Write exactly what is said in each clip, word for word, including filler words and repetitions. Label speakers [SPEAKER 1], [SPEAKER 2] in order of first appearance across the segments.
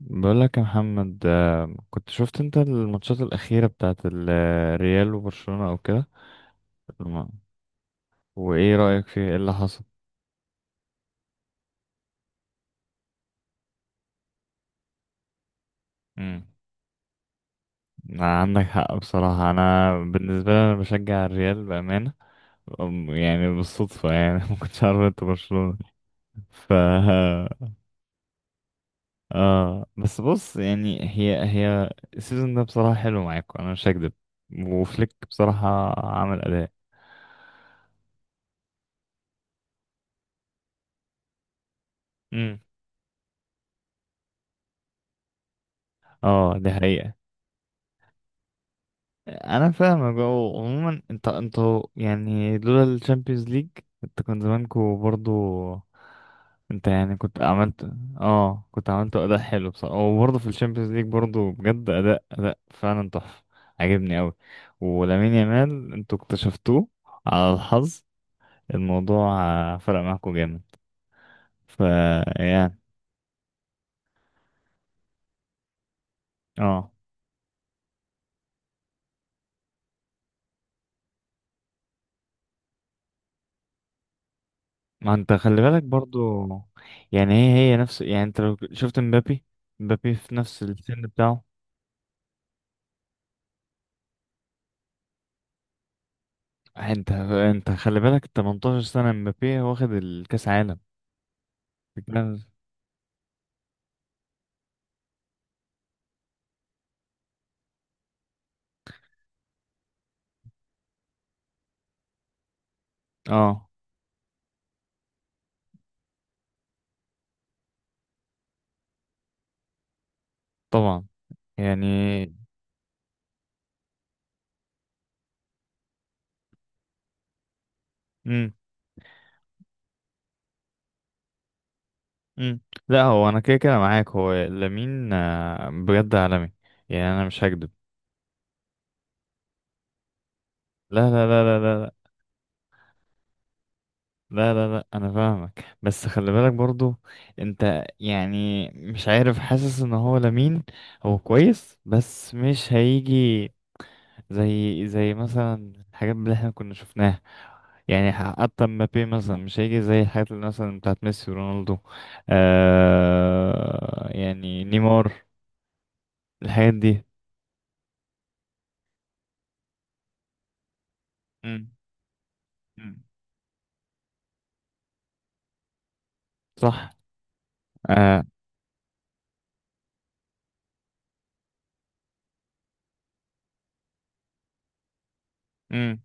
[SPEAKER 1] بقول لك يا محمد، آه، كنت شفت انت الماتشات الأخيرة بتاعت الريال وبرشلونة او كده. الم- وايه رأيك فيه، ايه اللي حصل؟ امم. عندك حق، بصراحة انا بالنسبة لي انا بشجع الريال بأمانة. أم- يعني بالصدفة يعني ما كنتش عارف انت برشلونة. ف اه، بس بص يعني هي هي السيزون ده بصراحة حلو معاكم، انا مش هكدب، وفليك بصراحة عمل أداء. امم، اه دي حقيقة. انا فاهمك، هو عموما انت انتوا يعني لولا الشامبيونز ليج انت كان زمانكوا برضو، انت يعني كنت عملت. اه، كنت عملت اداء حلو بصراحه، وبرضه في الشامبيونز ليج برضه بجد اداء اداء فعلا تحفه، عجبني قوي. ولامين يامال انتوا اكتشفتوه على الحظ. الموضوع آه، فرق معاكوا جامد. ف يعني، اه. ما انت خلي بالك برضو، يعني هي هي نفس، يعني انت لو شفت مبابي. مبابي في نفس السن بتاعه، انت انت خلي بالك تمنتاشر سنة مبابي واخد الكأس عالم. بتكلم- اه، طبعا يعني. امم، امم. لا، هو انا كده كده معاك، هو لامين آه، بجد عالمي، يعني انا مش هكدب. لا لا لا لا لا، لا لا لا لا انا فاهمك، بس خلي بالك برضو. انت يعني مش عارف، حاسس ان هو لامين هو كويس بس مش هيجي زي زي مثلا الحاجات اللي احنا كنا شفناها. يعني حتى مبابي مثلا مش هيجي زي الحاجات اللي مثلا بتاعت ميسي ورونالدو، آه يعني نيمار، الحاجات دي. امم، امم، صح، اه، امم،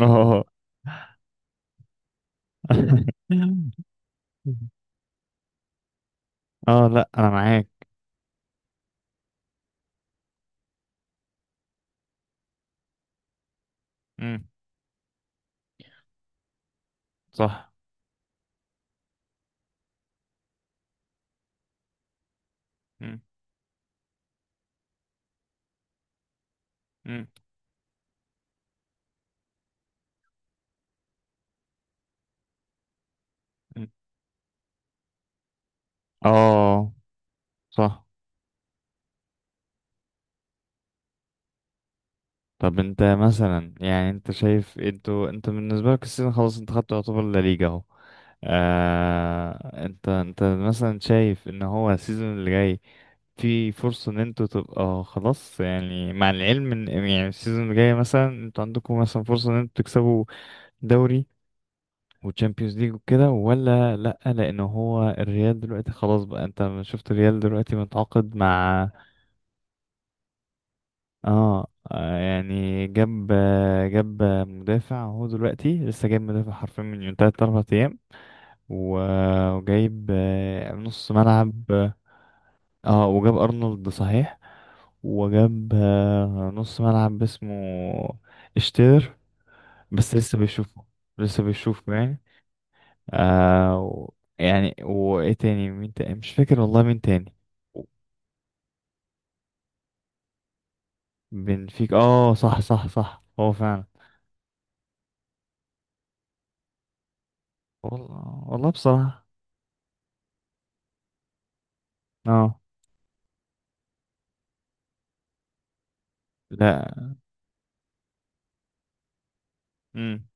[SPEAKER 1] اه اه. لا، انا معاك. امم، صح، امم، امم، امم. اه، صح. طب انت مثلا، يعني انت شايف انتوا انت بالنسبه لك السيزون خلاص، انت خدت يعتبر لا ليجا اهو. آه انت انت مثلا شايف ان هو السيزون اللي جاي في فرصة ان انتوا تبقى خلاص، يعني مع العلم ان يعني السيزون اللي جاي مثلا انتوا عندكم مثلا فرصة ان انتوا تكسبوا دوري وتشامبيونز ليج وكده، ولا لأ؟ لأن هو الريال دلوقتي خلاص، بقى انت ما شفت الريال دلوقتي متعاقد مع، اه آه، يعني جاب آه، جاب آه، مدافع. هو دلوقتي لسه جايب مدافع حرفيا من يوم تلات أربع أيام. و- وجايب آه، نص ملعب. اه، وجاب ارنولد صحيح. وجاب آه، نص ملعب اسمه اشتير، بس لسه بيشوفه. لسه بيشوفه يعني. آه و- يعني وايه تاني، مين تاني؟ مش فاكر والله مين تاني. بنفيك، اه صح صح صح، هو فعلا. والله والله بصراحة. اه، لا، امم.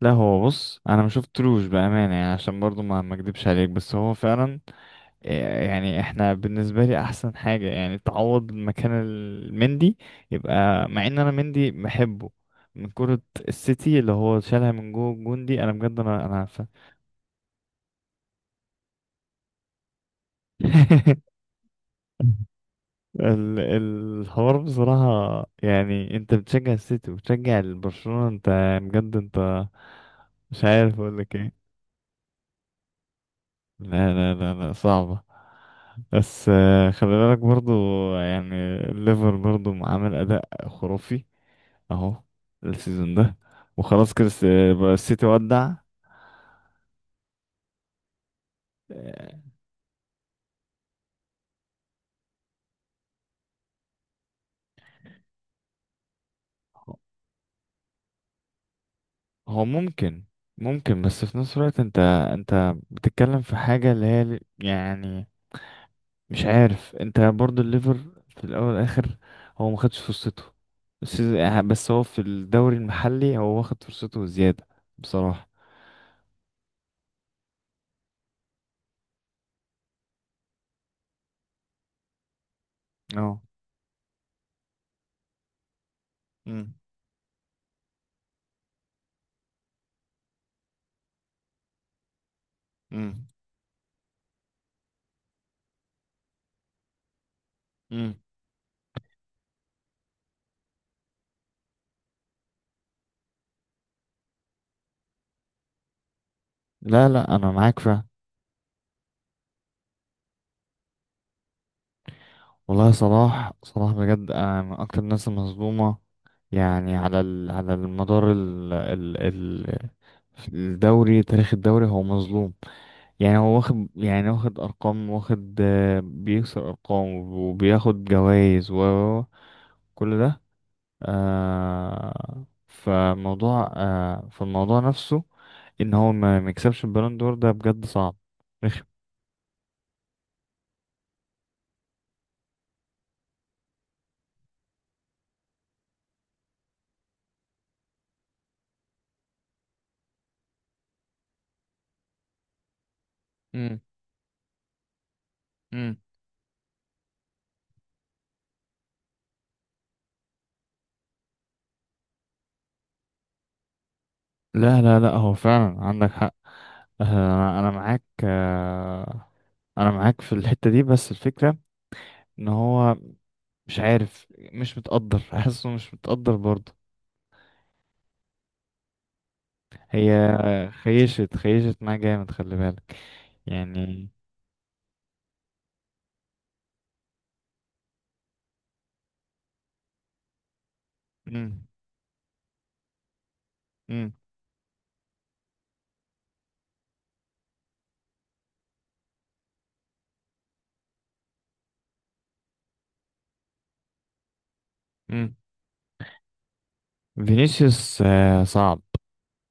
[SPEAKER 1] لا، هو بص انا ما شفتلوش بأمانة يعني، عشان برضو ما ما اكدبش عليك، بس هو فعلا. يعني احنا، بالنسبة لي احسن حاجة يعني تعوض مكان المندي يبقى، مع ان انا مندي بحبه من كرة السيتي اللي هو شالها من جوه الجون دي، انا بجد انا انا عارفة. ال- الحوار بصراحة، يعني انت بتشجع السيتي وبتشجع برشلونة، انت بجد، انت مش عارف اقول لك ايه. لا لا لا لا، صعبة. بس آه، خلي بالك برضو، يعني الليفر برضو عامل اداء خرافي اهو السيزون ده. وخلاص كده الس- بقى السيتي ودع. آه، هو ممكن، ممكن، بس في نفس الوقت انت انت بتتكلم في حاجة اللي هي ل- يعني مش عارف. انت برضو الليفر في الاول والاخر هو ما خدش فرصته. السيزون- آه، بس هو في الدوري المحلي هو واخد فرصته زيادة بصراحة. اه، امم، امم، امم. لا لا، انا معاك فعلا. والله، صلاح صلاح بجد آه، من اكتر الناس المظلومه، يعني على ال... على المدار ال... ال... ال... الدوري، تاريخ الدوري هو مظلوم. يعني هو واخد يعني واخد ارقام، واخد آه، بيكسر ارقام، وبياخد جوائز وكل ده. آه فموضوع آه فالموضوع نفسه ان هو ما ما يكسبش البالون دور، ده بجد صعب رخم. امم، امم. لا لا لا، هو فعلا عندك حق. انا أنا معاك آه، انا معاك في الحتة دي، بس الفكرة ان هو مش عارف، مش متقدر حاسه مش متقدر برضه. هي آه، خيشت خيشت معاه جامد، خلي بالك يعني. مم. مم. مم. فينيسيوس آه، صعب.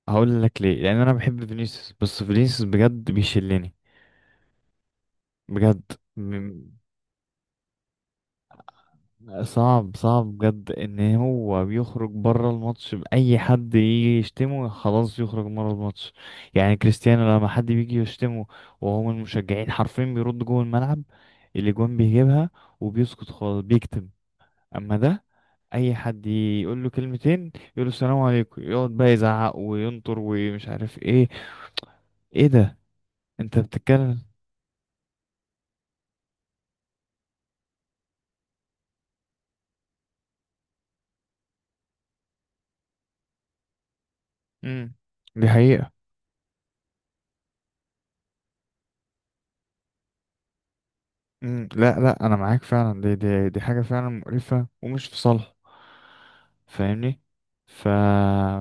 [SPEAKER 1] هقول لك ليه، لان انا بحب فينيسيوس بس فينيسيوس بجد بيشلني بجد. صعب، صعب بجد ان هو بيخرج بره الماتش. باي حد يجي يشتمه خلاص يخرج بره الماتش. يعني كريستيانو، لما حد بيجي يشتمه وهو من المشجعين حرفيا بيرد جوه الملعب اللي جون بيجيبها، وبيسكت خالص، بيكتم. اما ده، اي حد يقول له كلمتين، يقول له السلام عليكم، يقعد بقى يزعق وينطر ومش عارف ايه. ايه ده انت بتتكلم؟ امم، دي حقيقة. مم، لا لا انا معاك فعلا، دي دي دي حاجه فعلا مقرفه ومش في صالح، فاهمني. ف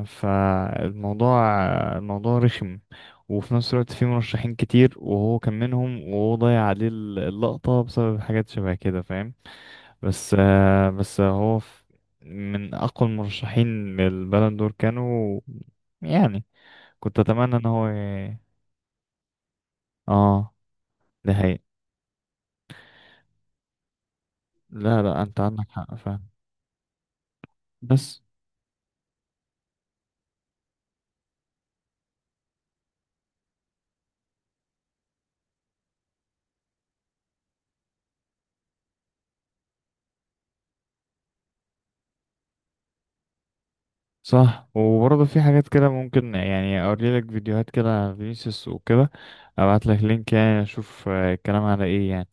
[SPEAKER 1] فالموضوع الموضوع رخم. وفي نفس الوقت في مرشحين كتير وهو كان منهم، وهو ضيع عليه ال- اللقطه بسبب حاجات شبه كده، فاهم؟ بس آه، بس هو ف- من اقوى المرشحين للبالون دور كانوا. يعني كنت اتمنى ان هو ي- اه ده هي. لا لا، انت عندك حق فعلا، بس صح. وبرضه في حاجات كده ممكن، يعني اوري لك فيديوهات كده على فينيسيوس وكده، ابعت لك لينك يعني، اشوف آه، الكلام على ايه يعني.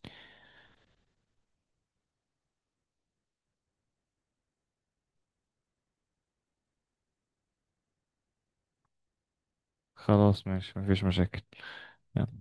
[SPEAKER 1] خلاص ماشي، مفيش مشاكل. يلا.